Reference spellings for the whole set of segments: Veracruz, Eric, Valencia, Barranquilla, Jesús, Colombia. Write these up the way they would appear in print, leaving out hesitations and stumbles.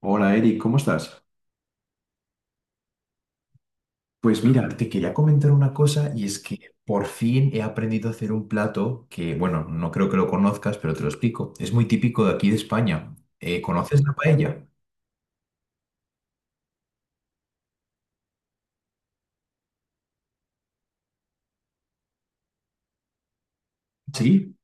Hola Eric, ¿cómo estás? Pues mira, te quería comentar una cosa y es que por fin he aprendido a hacer un plato que, bueno, no creo que lo conozcas, pero te lo explico. Es muy típico de aquí de España. ¿Conoces la paella? Sí.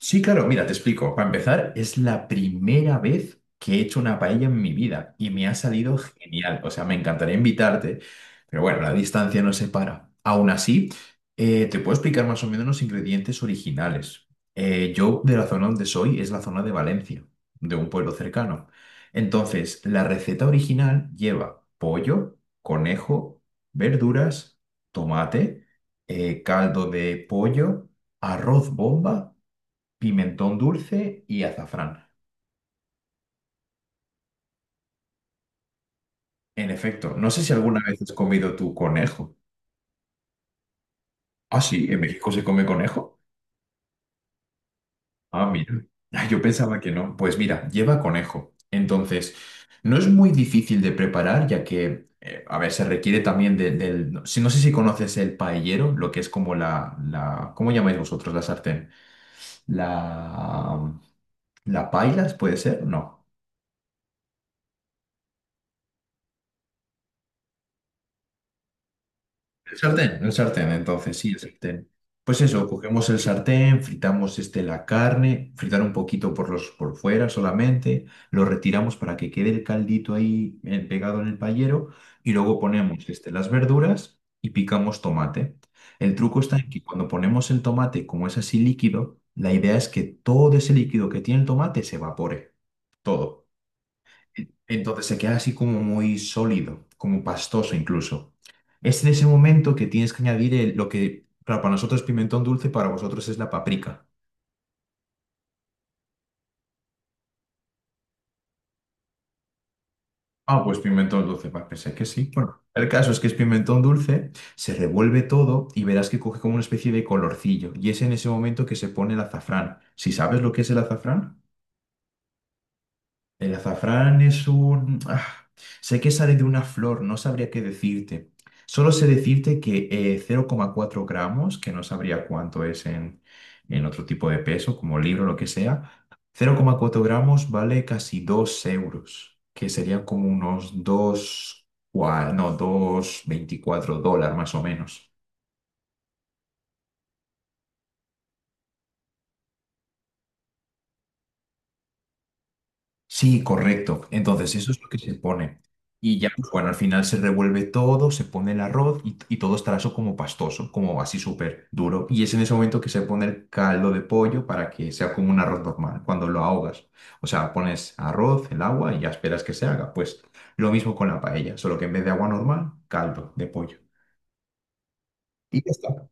Sí, claro, mira, te explico. Para empezar, es la primera vez que he hecho una paella en mi vida y me ha salido genial. O sea, me encantaría invitarte, pero bueno, la distancia nos separa. Aún así, te puedo explicar más o menos los ingredientes originales. Yo, de la zona donde soy, es la zona de Valencia, de un pueblo cercano. Entonces, la receta original lleva pollo, conejo, verduras, tomate, caldo de pollo, arroz bomba, pimentón dulce y azafrán. En efecto, no sé si alguna vez has comido tu conejo. Ah, sí, ¿en México se come conejo? Ah, mira. Ah, yo pensaba que no. Pues mira, lleva conejo. Entonces, no es muy difícil de preparar, ya que, a ver, se requiere también del. No, no sé si conoces el paellero, lo que es como la. ¿Cómo llamáis vosotros la sartén? La... ¿La pailas puede ser? No. El sartén, entonces, sí, el sartén. Pues eso, cogemos el sartén, fritamos este, la carne, fritar un poquito por fuera solamente, lo retiramos para que quede el caldito ahí pegado en el payero y luego ponemos este, las verduras y picamos tomate. El truco está en que cuando ponemos el tomate, como es así líquido, la idea es que todo ese líquido que tiene el tomate se evapore, todo. Entonces se queda así como muy sólido, como pastoso incluso. Es en ese momento que tienes que añadir lo que, claro, para nosotros es pimentón dulce, para vosotros es la paprika. Ah, pues pimentón dulce, va, pensé que sí. Bueno, el caso es que es pimentón dulce, se revuelve todo y verás que coge como una especie de colorcillo. Y es en ese momento que se pone el azafrán. Si ¿sabes lo que es el azafrán? El azafrán es un... ah, Sé que sale de una flor, no sabría qué decirte. Solo sé decirte que 0,4 gramos, que no sabría cuánto es en otro tipo de peso, como libro o lo que sea. 0,4 gramos vale casi 2 euros, que serían como unos 2 no, 2,24 dólares más o menos. Sí, correcto. Entonces, eso es lo que se pone. Y ya, pues bueno, al final se revuelve todo, se pone el arroz y todo estará eso como pastoso, como así súper duro. Y es en ese momento que se pone el caldo de pollo para que sea como un arroz normal, cuando lo ahogas. O sea, pones arroz, el agua y ya esperas que se haga. Pues lo mismo con la paella, solo que en vez de agua normal, caldo de pollo. Y ya está.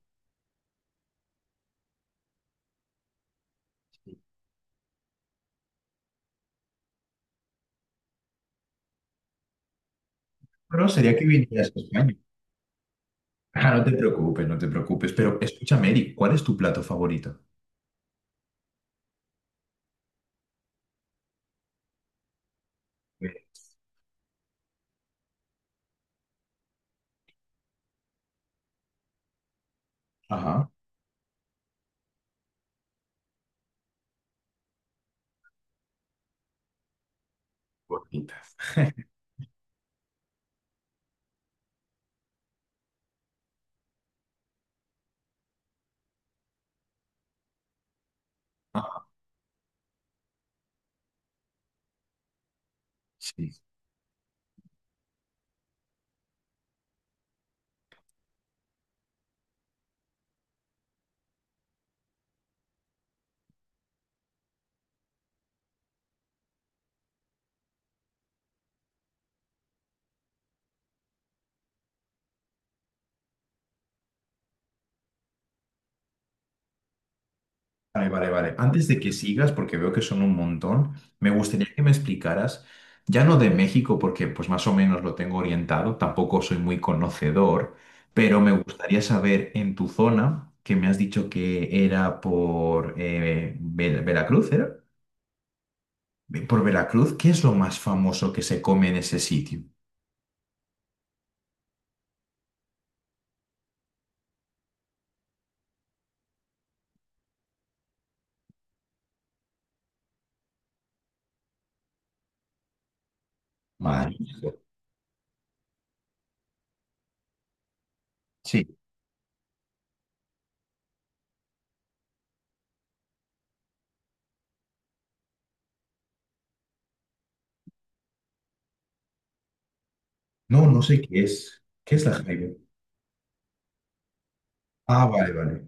Pero sería que vinieras a España. Ah, no te preocupes, no te preocupes. Pero escúchame, Eric, ¿cuál es tu plato favorito? Eh, Ajá. Gorditas. Sí. Vale, vale, vale. Antes de que sigas, porque veo que son un montón, me gustaría que me explicaras, ya no de México, porque pues más o menos lo tengo orientado, tampoco soy muy conocedor, pero me gustaría saber en tu zona, que me has dicho que era por Veracruz, ¿era? Por Veracruz, ¿qué es lo más famoso que se come en ese sitio? Marisco. Sí. No, no sé qué es. ¿Qué es la jaiba? Ah, vale, vale.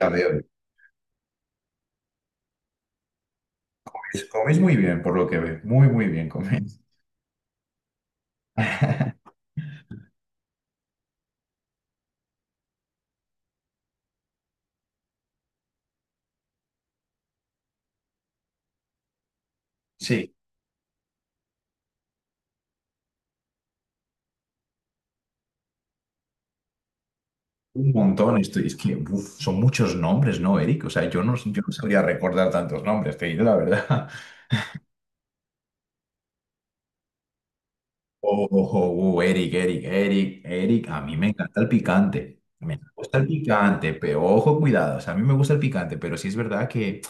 La veo. Pues coméis muy bien, por lo que veo. Muy, muy bien coméis. Sí, un montón. Estoy, es que uf, son muchos nombres, ¿no, Eric? O sea, yo no sabría recordar tantos nombres, te digo la verdad. Oh, oh, oh, oh, Eric, Eric, Eric, Eric. A mí me encanta el picante. Me gusta el picante, pero ojo, cuidado. O sea, a mí me gusta el picante, pero sí es verdad que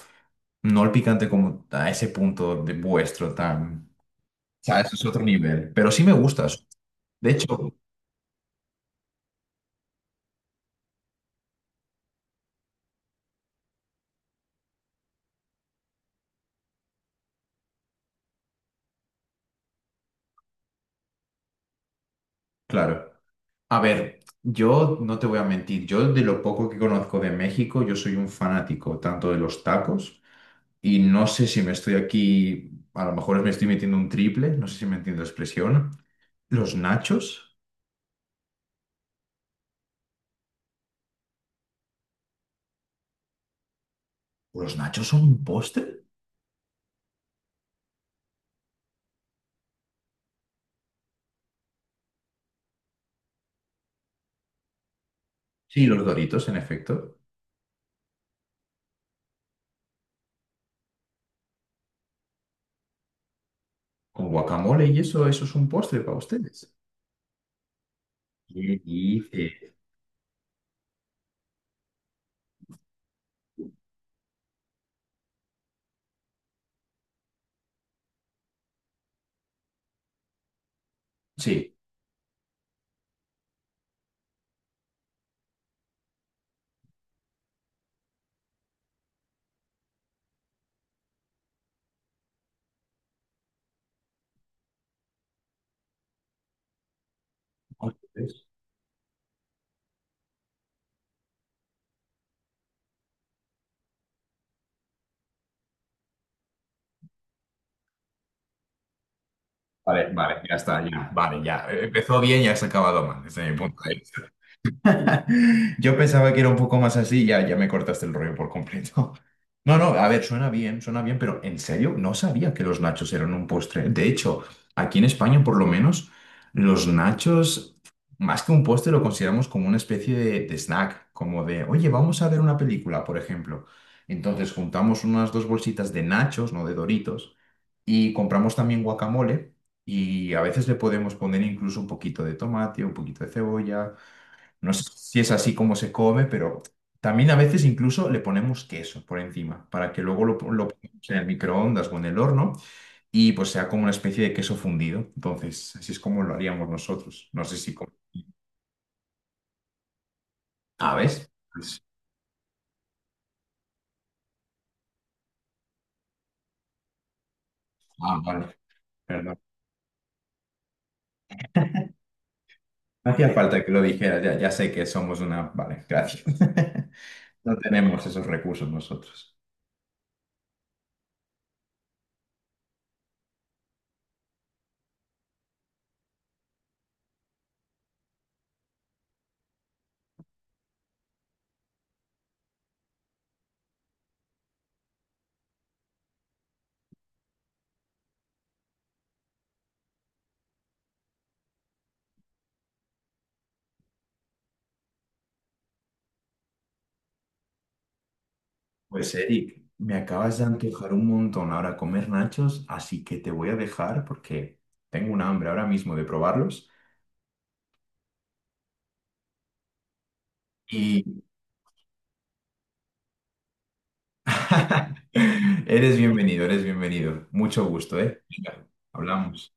no el picante como a ese punto de vuestro tan. O sea, eso es otro nivel. Pero sí me gusta. De hecho, claro. A ver, yo no te voy a mentir, yo de lo poco que conozco de México, yo soy un fanático tanto de los tacos y no sé si me estoy aquí, a lo mejor me estoy metiendo un triple, no sé si me entiendo la expresión. ¿Los nachos? ¿Los nachos son un postre? Sí, los Doritos, en efecto. Con guacamole y eso es un postre para ustedes. ¿Qué dice? Sí. Vale, vale, ya está, ya. Vale, ya. Empezó bien y has acabado mal, desde mi punto de vista. Yo pensaba que era un poco más así, ya, me cortaste el rollo por completo. No, no, a ver, suena bien, pero en serio, no sabía que los nachos eran un postre. De hecho, aquí en España, por lo menos, los nachos, más que un postre, lo consideramos como una especie de snack, como de, oye, vamos a ver una película, por ejemplo. Entonces, juntamos unas dos bolsitas de nachos, no de Doritos, y compramos también guacamole, y a veces le podemos poner incluso un poquito de tomate, un poquito de cebolla. No sé si es así como se come, pero también a veces incluso le ponemos queso por encima para que luego lo pongamos en el microondas o en el horno y pues sea como una especie de queso fundido. Entonces, así es como lo haríamos nosotros. No sé si. Ah, ¿ves? Vale, perdón. No hacía falta que lo dijeras, ya, sé que somos una. Vale, gracias. No tenemos esos recursos nosotros. Pues Eric, me acabas de antojar un montón ahora comer nachos, así que te voy a dejar porque tengo un hambre ahora mismo de probarlos. Y eres bienvenido, eres bienvenido. Mucho gusto, ¿eh? Venga, hablamos.